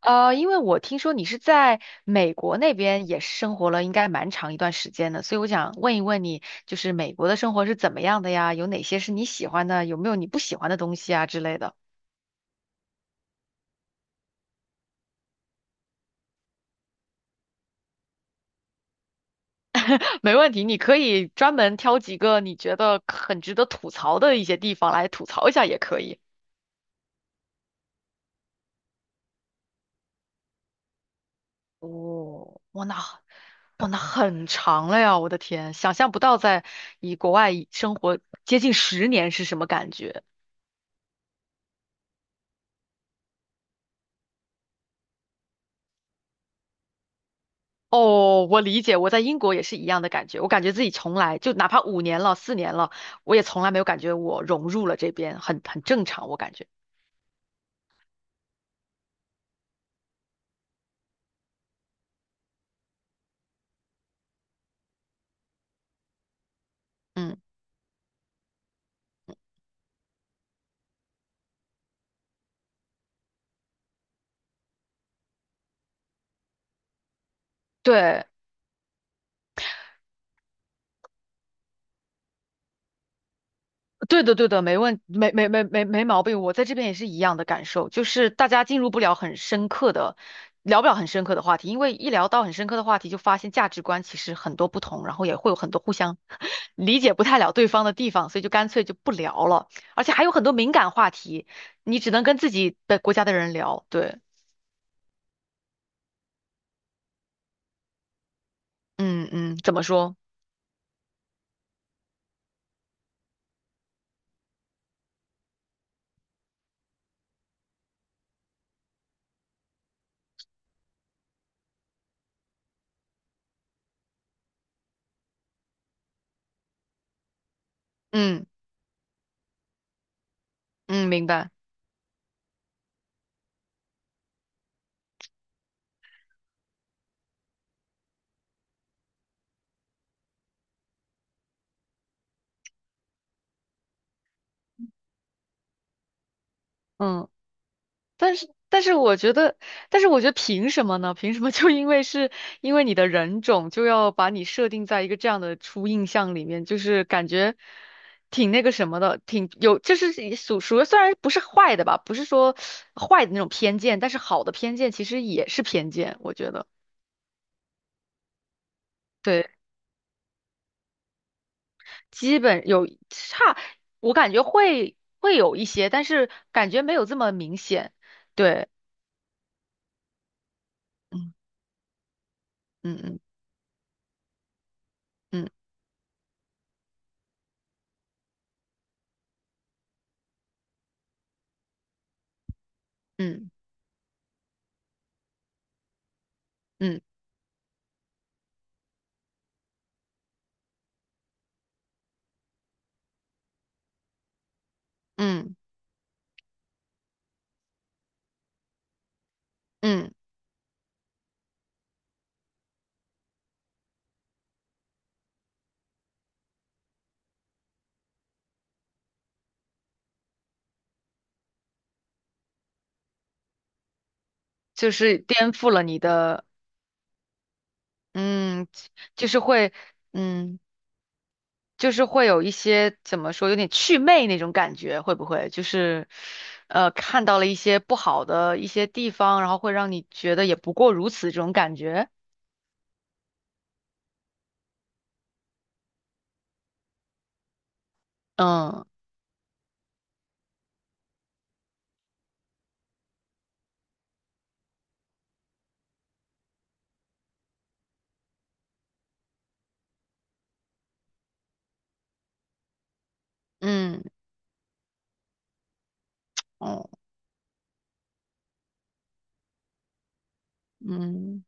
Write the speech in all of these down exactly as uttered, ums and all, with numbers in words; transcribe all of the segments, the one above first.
呃，因为我听说你是在美国那边也生活了应该蛮长一段时间的，所以我想问一问你，就是美国的生活是怎么样的呀？有哪些是你喜欢的？有没有你不喜欢的东西啊之类的？没问题，你可以专门挑几个你觉得很值得吐槽的一些地方来吐槽一下也可以。哦，哇，那哇，那很长了呀！我的天，想象不到在以国外生活接近十年是什么感觉。哦，我理解，我在英国也是一样的感觉。我感觉自己从来就哪怕五年了、四年了，我也从来没有感觉我融入了这边，很很正常，我感觉。嗯，对。对的，对的，没问，没没没没没毛病。我在这边也是一样的感受，就是大家进入不了很深刻的，聊不了很深刻的话题，因为一聊到很深刻的话题，就发现价值观其实很多不同，然后也会有很多互相 理解不太了对方的地方，所以就干脆就不聊了。而且还有很多敏感话题，你只能跟自己的国家的人聊。对，嗯嗯，怎么说？嗯嗯，明白。嗯。但是，但是我觉得，但是我觉得凭什么呢？凭什么就因为是因为你的人种，就要把你设定在一个这样的初印象里面？就是感觉挺那个什么的，挺有，就是属属于虽然不是坏的吧，不是说坏的那种偏见，但是好的偏见其实也是偏见，我觉得。对，基本有差，我感觉会会有一些，但是感觉没有这么明显。对，嗯嗯嗯嗯嗯嗯嗯嗯。就是颠覆了你的，嗯，就是会，嗯，就是会有一些怎么说，有点祛魅那种感觉，会不会？就是，呃，看到了一些不好的一些地方，然后会让你觉得也不过如此这种感觉。嗯嗯哦嗯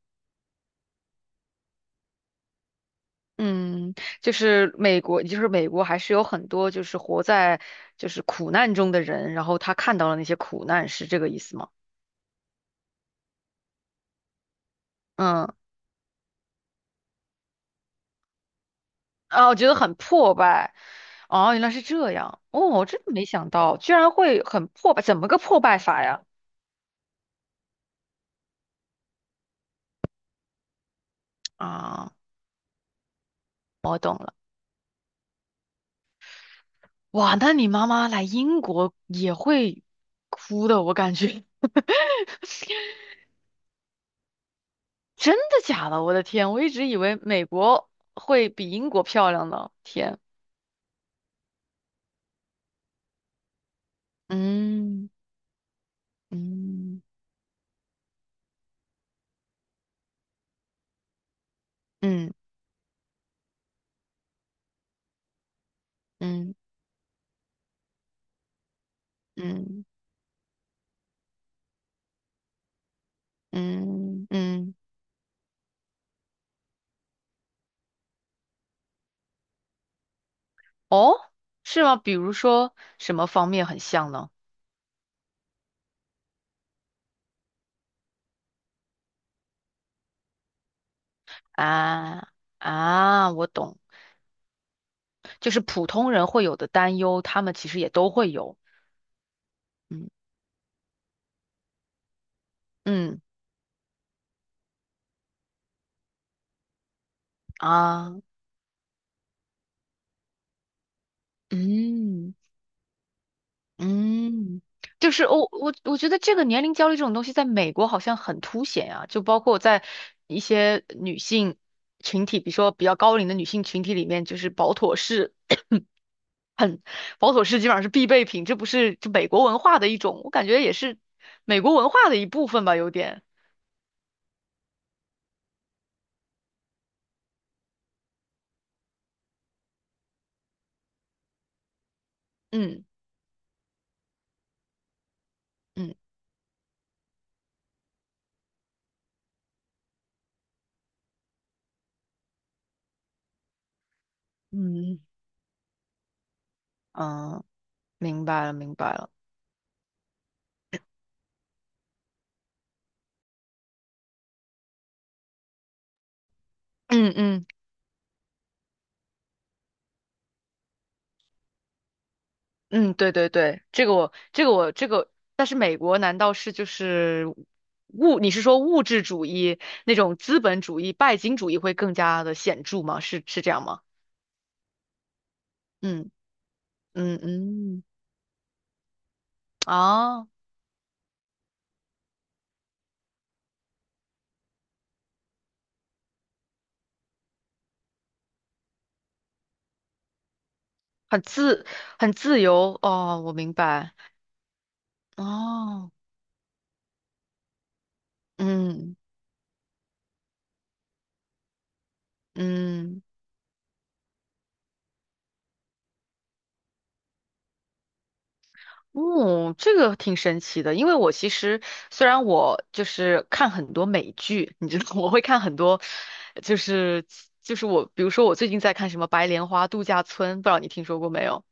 嗯，就是美国，就是美国还是有很多就是活在就是苦难中的人，然后他看到了那些苦难，是这个意思吗？嗯啊，我觉得很破败。哦，原来是这样。哦，我真的没想到，居然会很破败，怎么个破败法呀？啊，我懂了。哇，那你妈妈来英国也会哭的，我感觉。真的假的？我的天，我一直以为美国会比英国漂亮呢。天，嗯嗯嗯嗯嗯嗯嗯，嗯哦，是吗？比如说什么方面很像呢？啊啊，我懂，就是普通人会有的担忧，他们其实也都会有。嗯嗯啊嗯嗯，就是我我我觉得这个年龄焦虑这种东西在美国好像很凸显啊，就包括在一些女性群体，比如说比较高龄的女性群体里面，就是保妥适 很保妥适基本上是必备品，这不是就美国文化的一种，我感觉也是美国文化的一部分吧，有点嗯嗯。嗯嗯，明白了，明白了。嗯嗯嗯，对对对，这个我这个我这个，但是美国难道是就是物？你是说物质主义那种资本主义、拜金主义会更加的显著吗？是是这样吗？嗯嗯嗯，啊，很自很自由哦，我明白哦，嗯嗯。哦，这个挺神奇的，因为我其实虽然我就是看很多美剧，你知道 我会看很多，就是就是我，比如说我最近在看什么《白莲花度假村》，不知道你听说过没有？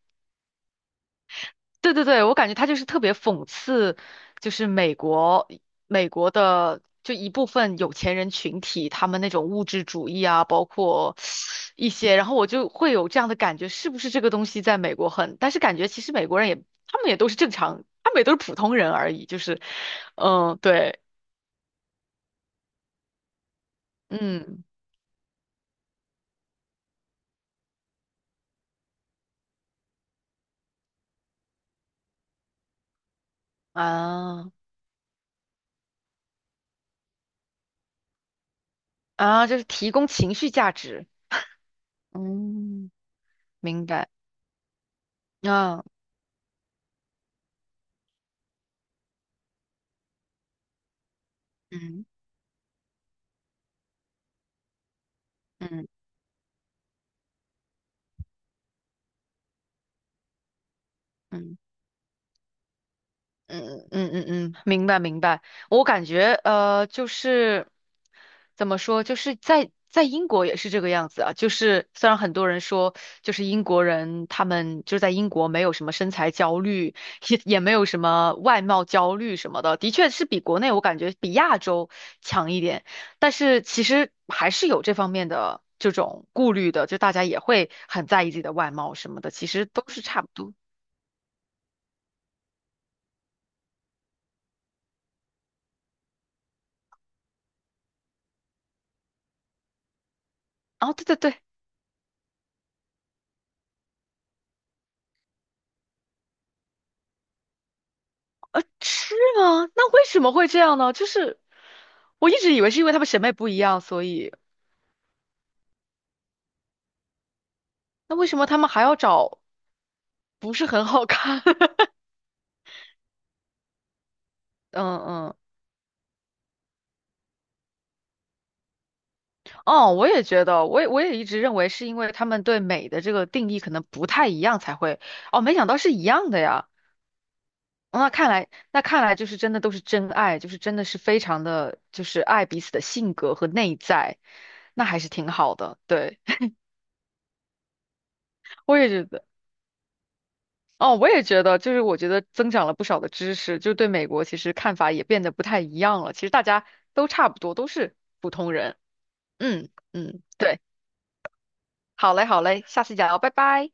对对对，我感觉他就是特别讽刺，就是美国美国的就一部分有钱人群体，他们那种物质主义啊，包括一些，然后我就会有这样的感觉，是不是这个东西在美国很？但是感觉其实美国人也，他们也都是正常，他们也都是普通人而已，就是，嗯，对，嗯啊啊，就是提供情绪价值，嗯，明白，啊，嗯嗯嗯。嗯嗯嗯嗯，明白明白。我感觉呃，就是怎么说，就是在在英国也是这个样子啊。就是虽然很多人说，就是英国人他们就在英国没有什么身材焦虑，也也没有什么外貌焦虑什么的，的确是比国内我感觉比亚洲强一点。但是其实还是有这方面的这种顾虑的，就大家也会很在意自己的外貌什么的，其实都是差不多。哦，对对对。是吗？那为什么会这样呢？就是我一直以为是因为他们审美不一样，所以那为什么他们还要找不是很好看？嗯嗯，哦，我也觉得，我也我也一直认为是因为他们对美的这个定义可能不太一样才会，哦，没想到是一样的呀。那看来，那看来就是真的都是真爱，就是真的是非常的，就是爱彼此的性格和内在，那还是挺好的。对，我也觉得。哦，我也觉得，就是我觉得增长了不少的知识，就对美国其实看法也变得不太一样了。其实大家都差不多，都是普通人。嗯嗯，对，好嘞好嘞，下次聊，拜拜。